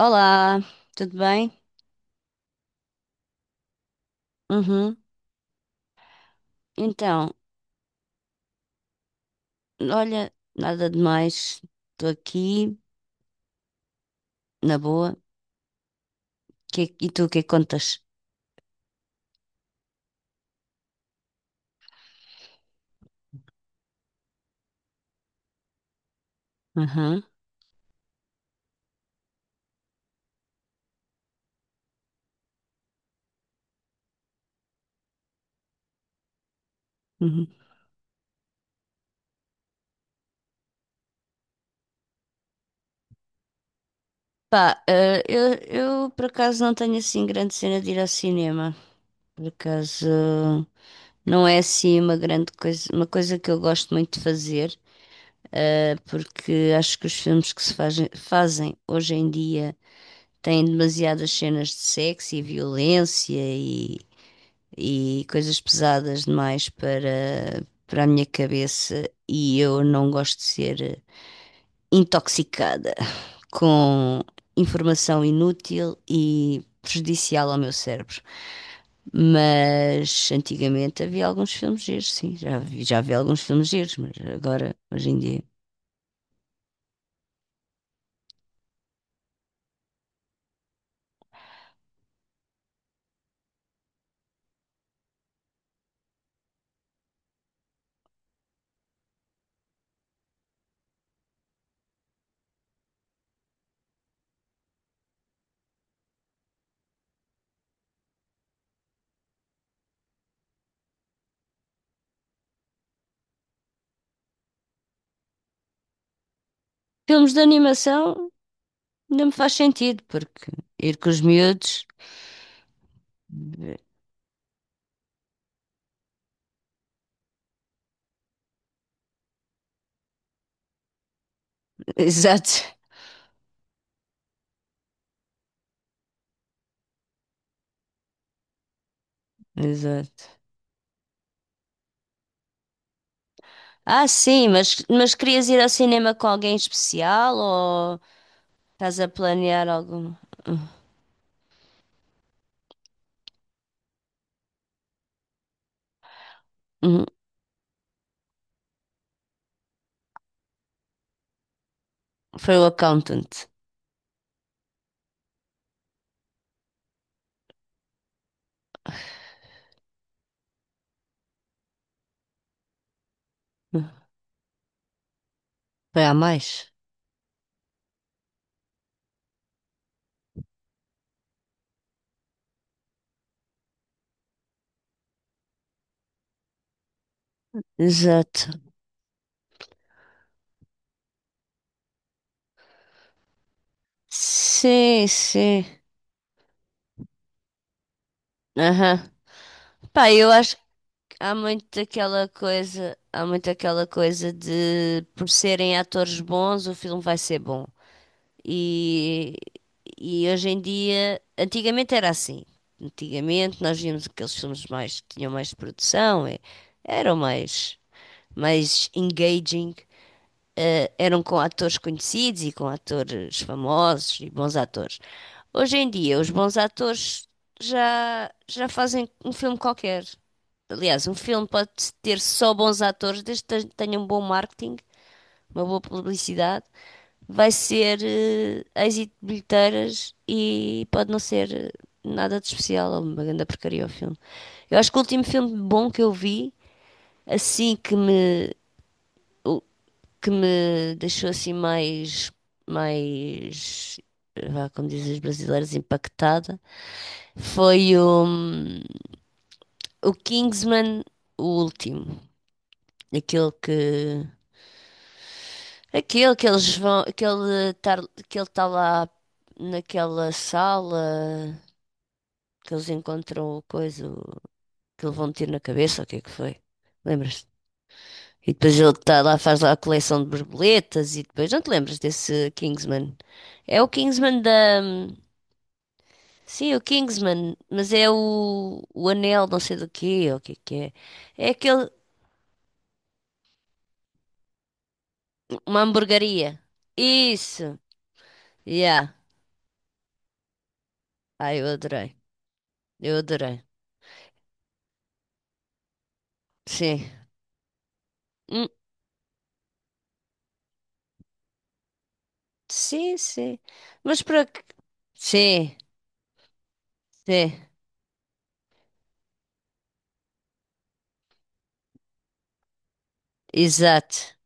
Olá, tudo bem? Uhum. Então, olha, nada demais. Estou aqui, na boa. E tu, o que é que contas? Uhum. Uhum. Pá, eu por acaso não tenho assim grande cena de ir ao cinema. Por acaso não é assim uma grande coisa, uma coisa que eu gosto muito de fazer, porque acho que os filmes que se fazem, fazem hoje em dia têm demasiadas cenas de sexo e violência e coisas pesadas demais para a minha cabeça e eu não gosto de ser intoxicada com informação inútil e prejudicial ao meu cérebro. Mas antigamente havia alguns filmes giros, sim, já vi alguns filmes giros, mas agora, hoje em dia. Filmes de animação não me faz sentido, porque ir com os miúdos. Exato, exato. Ah, sim, mas querias ir ao cinema com alguém especial ou estás a planear algum? Uhum. Foi o accountant. Foi a mais? Exato. Sim, sim. Aham. Pá, eu acho que há muito aquela coisa de por serem atores bons, o filme vai ser bom. E, e hoje em dia, antigamente era assim. Antigamente nós víamos aqueles filmes mais que tinham mais produção, eram mais engaging, eram com atores conhecidos e com atores famosos e bons atores. Hoje em dia, os bons atores já fazem um filme qualquer. Aliás, um filme pode ter só bons atores, desde que tenha um bom marketing, uma boa publicidade vai ser êxito de bilheteiras e pode não ser nada de especial, ou uma grande porcaria o filme. Eu acho que o último filme bom que eu vi, assim que o- que me deixou assim mais, vá, como dizem os brasileiros, impactada, foi o Kingsman, o último. Aquele que, Aquele que eles vão, que ele está lá naquela sala, que eles encontram que lhe vão ter na cabeça, o que é que foi? Lembras-te? E depois ele está lá, faz lá a coleção de borboletas e depois não te lembras desse Kingsman? É o Kingsman da. Sim, é o Kingsman, mas é o anel não sei do quê, ou o que é que é. É aquele, uma hamburgueria. Isso! Yeah! Ai, eu adorei. Eu adorei. Sim. Sim, sim. Mas para que... Sim, sim, exato.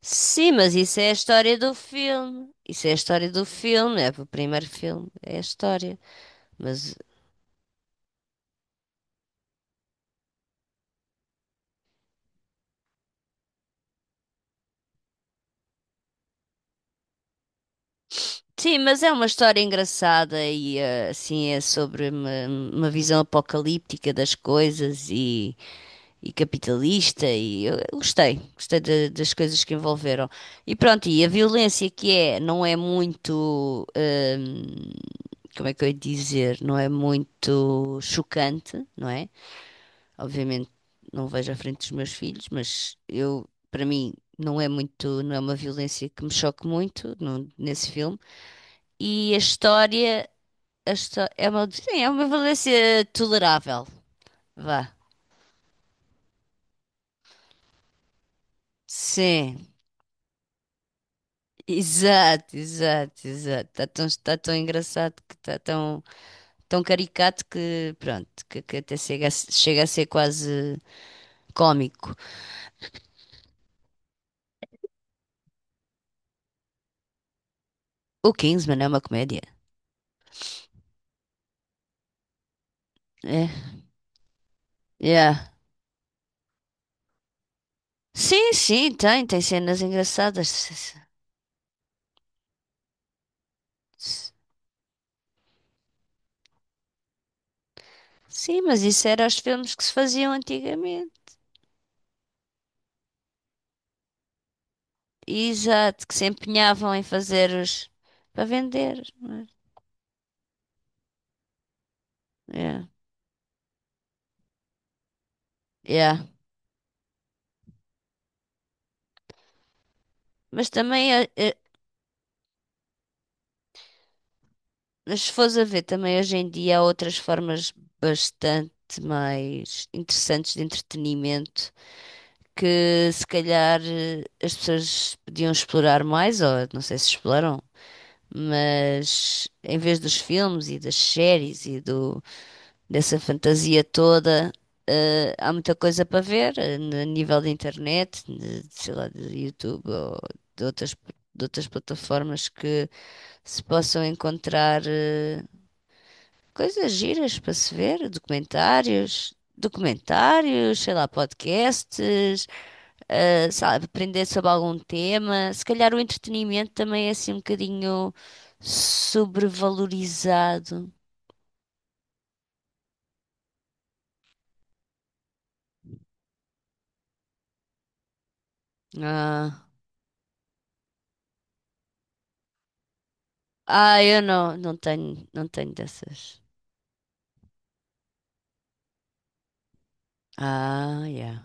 Sim, mas isso é a história do filme. Isso é a história do filme, é o primeiro filme, é a história. Mas sim, mas é uma história engraçada e assim é sobre uma visão apocalíptica das coisas e capitalista e eu gostei, das coisas que envolveram. E pronto, e a violência que é, não é muito, como é que eu ia dizer, não é muito chocante, não é? Obviamente não vejo à frente dos meus filhos, mas eu, para mim, não é muito, não é uma violência que me choque muito nesse filme. E a história, a histó- é uma, sim, é uma violência tolerável, vá. Sim, exato, exato, exato. Tá tão engraçado que tão caricato que, pronto, que até chega a, se- chega a ser quase cómico. O Kingsman é uma comédia. É, yeah. Sim, sim, tem, tem cenas engraçadas. S- Sim, mas isso era os filmes que se faziam antigamente. Exato, que se empenhavam em fazer os para vender. Não é? Yeah. Yeah. Mas também se fores a ver também hoje em dia há outras formas bastante mais interessantes de entretenimento que se calhar as pessoas podiam explorar mais, ou não sei se exploram, mas em vez dos filmes e das séries dessa fantasia toda, há muita coisa para ver a nível da internet, de, sei lá, de YouTube ou de de outras plataformas que se possam encontrar. Coisas giras para se ver, documentários, sei lá, podcasts, ah, sei lá, aprender sobre algum tema. Se calhar o entretenimento também é assim um bocadinho sobrevalorizado. Ah, ah, eu não tenho, não tenho dessas. Ah, yeah.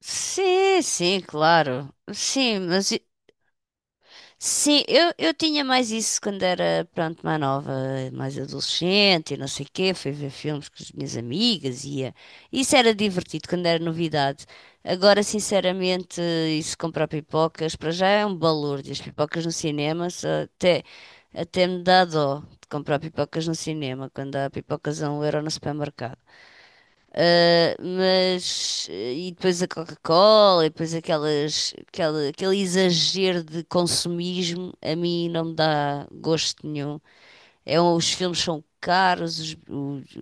Sim, sim, claro. Sim, mas sim, eu tinha mais isso quando era, pronto, mais nova, mais adolescente e não sei o quê. Fui ver filmes com as minhas amigas e ia. Isso era divertido quando era novidade. Agora, sinceramente, isso comprar pipocas, para já é um balúrdio. As pipocas no cinema só até me dá dó de comprar pipocas no cinema, quando há pipocas a um euro no supermercado. Mas e depois a Coca-Cola e depois aquele exagero de consumismo a mim não me dá gosto nenhum. É, os filmes são caros,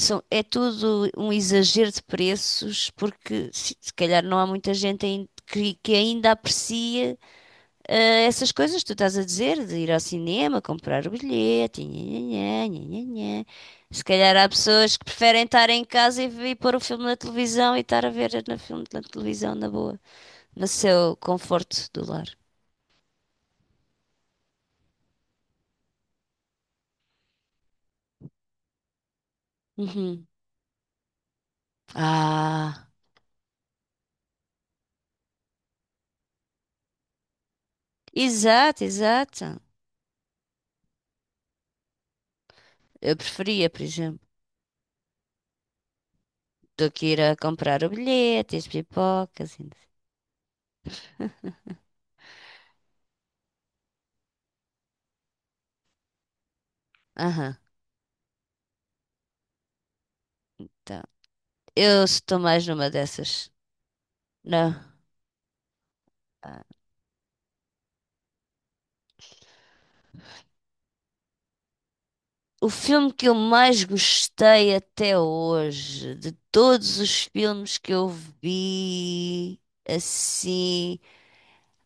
são, é tudo um exagero de preços porque se calhar não há muita gente que ainda aprecia essas coisas que tu estás a dizer, de ir ao cinema, comprar o bilhete, nhanhanhã, nhanhanhã. Se calhar há pessoas que preferem estar em casa e pôr o filme na televisão e estar a ver na filme na televisão na boa, no seu conforto do lar. Uhum. Ah, exato, exato. Eu preferia, por exemplo, do que ir a comprar o bilhete, as pipocas. E não sei. Aham, tá. Eu estou mais numa dessas. Não. Ah, o filme que eu mais gostei até hoje, de todos os filmes que eu vi, assim,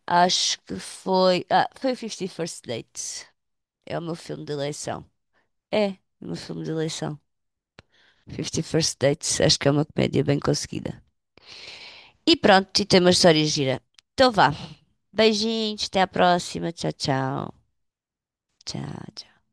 acho que foi. Ah, foi o 50 First Dates. É o meu filme de eleição. É, o meu filme de eleição. Fifty First Dates, acho que é uma comédia bem conseguida. E pronto, e tem uma história gira. Então vá. Beijinhos, até à próxima. Tchau, tchau. Tchau, tchau.